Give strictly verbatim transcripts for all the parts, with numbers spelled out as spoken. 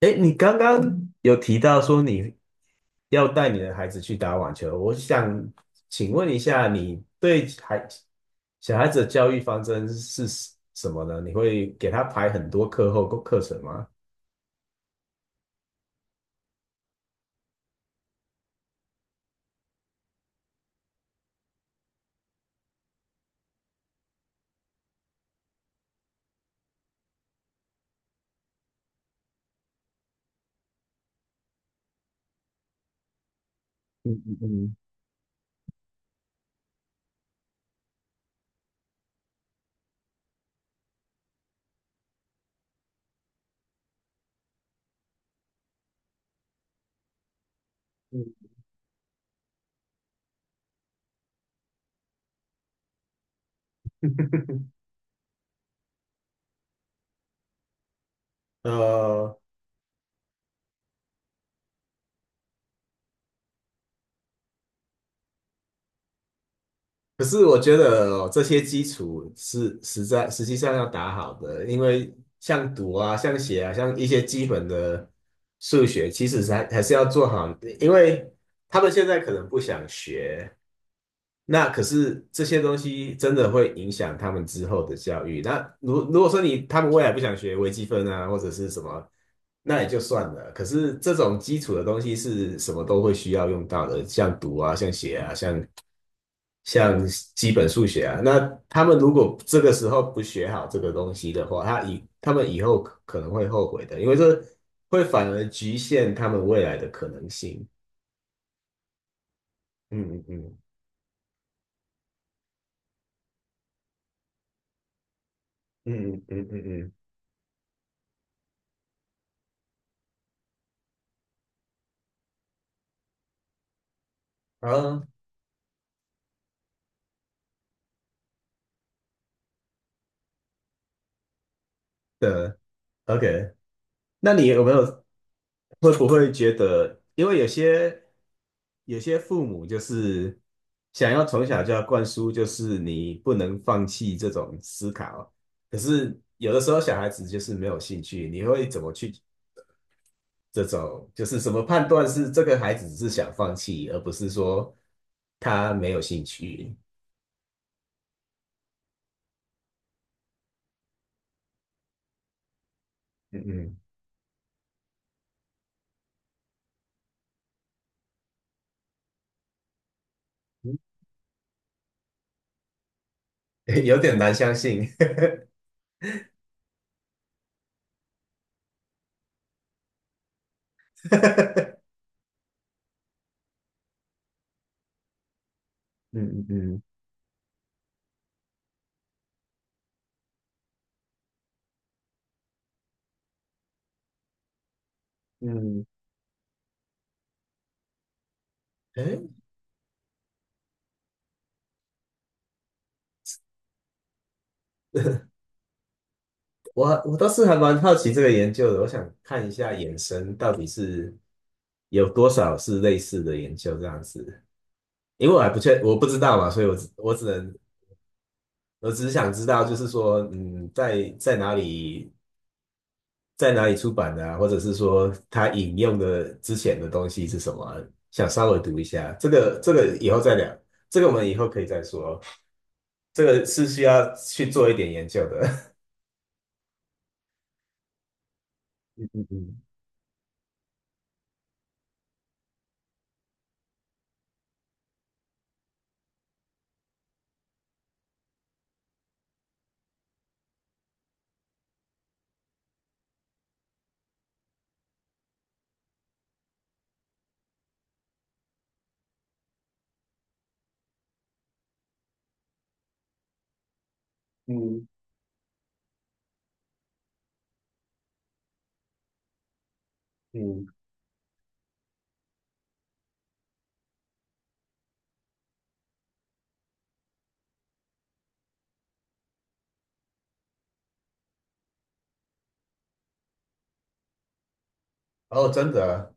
哎，你刚刚有提到说你要带你的孩子去打网球，我想请问一下，你对孩小孩子的教育方针是什么呢？你会给他排很多课后课程吗？嗯嗯嗯嗯，呃，可是我觉得哦这些基础是实在实际上要打好的，因为像读啊、像写啊、像一些基本的数学，其实是还还是要做好，因为他们现在可能不想学，那可是这些东西真的会影响他们之后的教育。那如如果说你他们未来不想学微积分啊，或者是什么，那也就算了。可是这种基础的东西是什么都会需要用到的，像读啊，像写啊，像像基本数学啊。那他们如果这个时候不学好这个东西的话，他以他们以后可能会后悔的，因为这会反而局限他们未来的可能性。嗯嗯嗯嗯嗯嗯嗯嗯，好的，OK。那你有没有会不会觉得，因为有些有些父母就是想要从小就要灌输，就是你不能放弃这种思考，可是有的时候小孩子就是没有兴趣，你会怎么去这种就是什么判断是这个孩子是想放弃，而不是说他没有兴趣？嗯嗯，有点难相信。嗯嗯嗯嗯，诶我我倒是还蛮好奇这个研究的，我想看一下衍生到底是有多少是类似的研究这样子，因为我还不确，我不知道嘛，所以我只我只能我只是想知道，就是说，嗯，在在哪里在哪里出版的啊，或者是说他引用的之前的东西是什么啊想稍微读一下，这个这个以后再聊，这个我们以后可以再说，这个是需要去做一点研究的，嗯嗯嗯嗯哦，真的啊，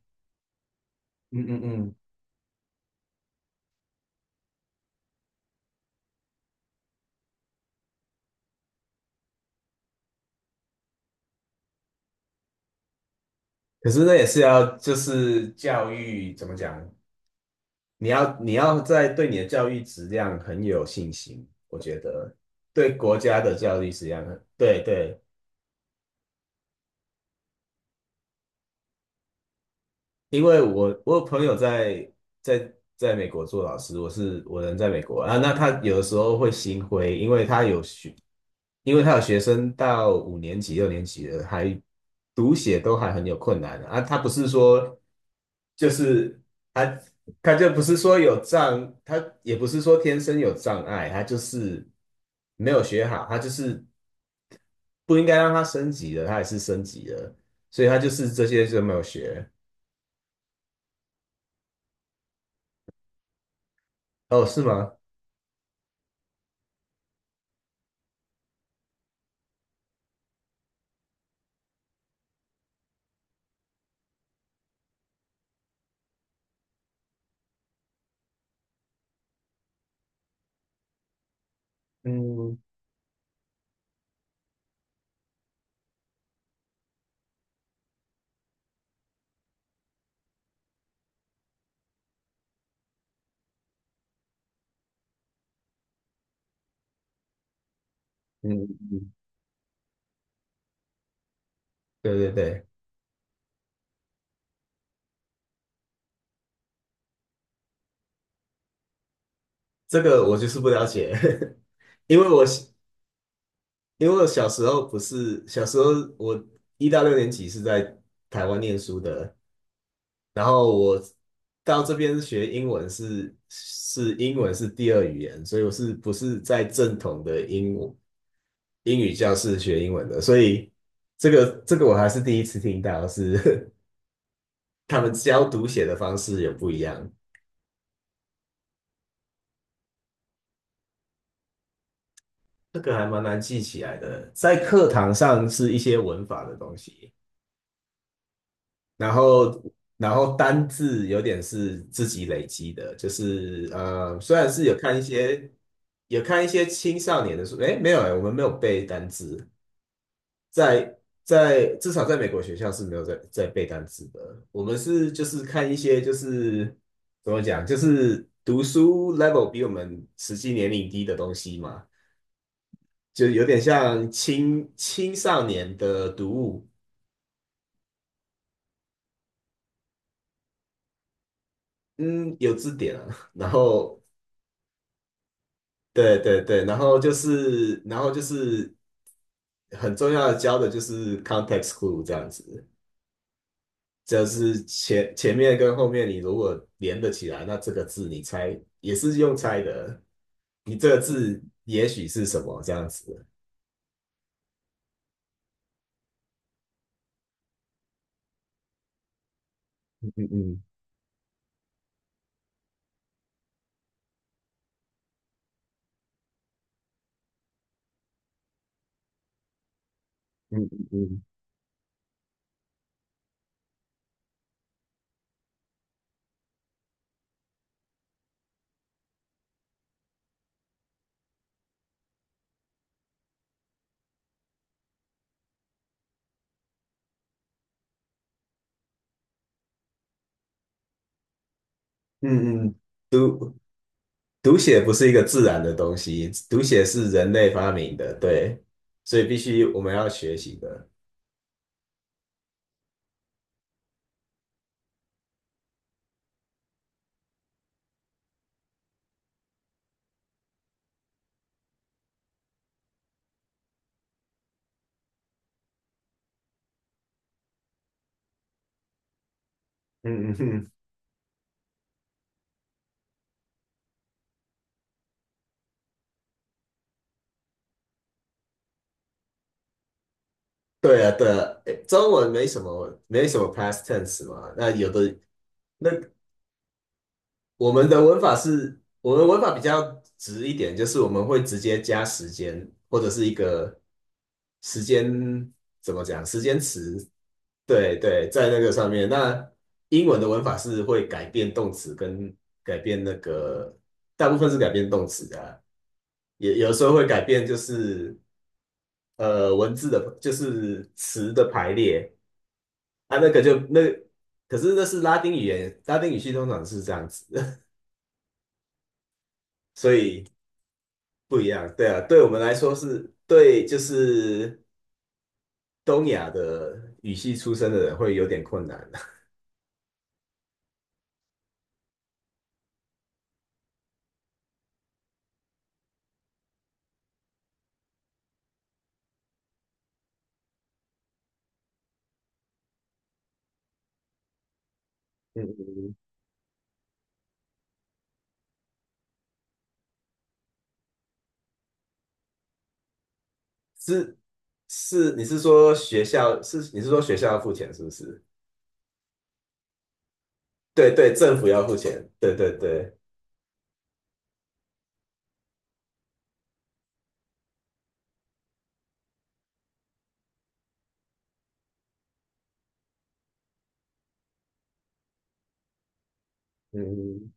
嗯嗯嗯。可是那也是要，就是教育怎么讲？你要你要在对你的教育质量很有信心，我觉得对国家的教育质量很，对对，因为我我有朋友在在在美国做老师，我是我人在美国啊，那他有的时候会心灰，因为他有学，因为他有学生到五年级、六年级了，还读写都还很有困难的啊。他不是说就是他他就不是说有障，他也不是说天生有障碍，他就是没有学好，他就是不应该让他升级的，他还是升级了，所以他就是这些就没有学。哦，是吗？嗯嗯，嗯对对对，这个我就是不了解，因为我因为我小时候不是小时候我一到六年级是在台湾念书的，然后我到这边学英文是是英文是第二语言，所以我是不是在正统的英英语教室学英文的，所以这个这个我还是第一次听到是 他们教读写的方式有不一样。这个还蛮难记起来的，在课堂上是一些文法的东西，然后然后单字有点是自己累积的，就是呃，虽然是有看一些有看一些青少年的书，诶，没有诶，我们没有背单字，在在至少在美国学校是没有在在背单字的，我们是就是看一些就是怎么讲，就是读书 level 比我们实际年龄低的东西嘛。就有点像青青少年的读物，嗯，有字典啊，然后对对对，然后就是然后就是很重要的教的就是 context clue 这样子，就是前前面跟后面你如果连得起来，那这个字你猜也是用猜的，你这个字也许是什么这样子，嗯嗯嗯嗯嗯嗯嗯。读写不是一个自然的东西，读写是人类发明的，对，所以必须我们要学习的。嗯嗯嗯，对啊对啊，诶中文没什么没什么 past tense 嘛，那有的那我们的文法是，我们文法比较直一点，就是我们会直接加时间或者是一个时间怎么讲，时间词，对对，在那个上面。那英文的文法是会改变动词跟改变那个，大部分是改变动词的啊，也有时候会改变就是呃文字的，就是词的排列啊，那个就那，可是那是拉丁语言，拉丁语系通常是这样子，所以。不一样，对啊，对我们来说是对，就是东亚的语系出身的人会有点困难。嗯，是是，你是说学校是你是说学校要付钱是不是？对对，政府要付钱，对对对，嗯，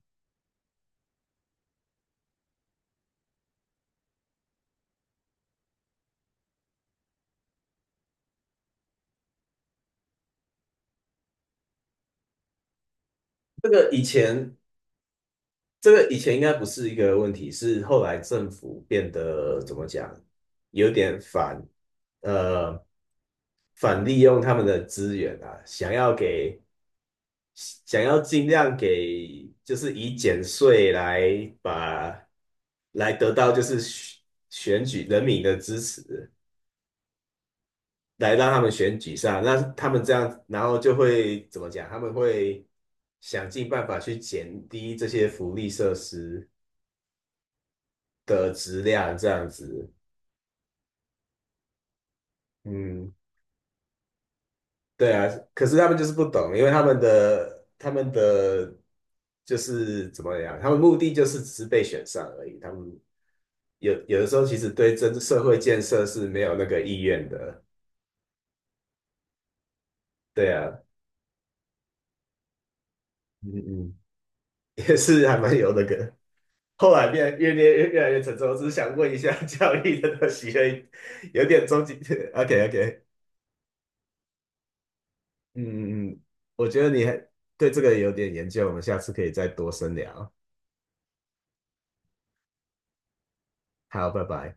这个以前这个以前应该不是一个问题，是后来政府变得怎么讲，有点反呃反利用他们的资源啊，想要给想要尽量给，就是以减税来把来得到就是选选举人民的支持，来让他们选举上。那他们这样，然后就会怎么讲？他们会想尽办法去减低这些福利设施的质量，这样子。嗯，对啊，可是他们就是不懂，因为他们的他们的就是怎么样，他们目的就是只是被选上而已。他们有有的时候其实对真社会建设是没有那个意愿的。对啊，嗯嗯，也是还蛮有那个。后来变越变越越来越沉重，我只是想问一下 教育的东西而有点终极。OK OK,嗯嗯嗯，我觉得你还对这个有点研究，我们下次可以再多深聊。好，拜拜。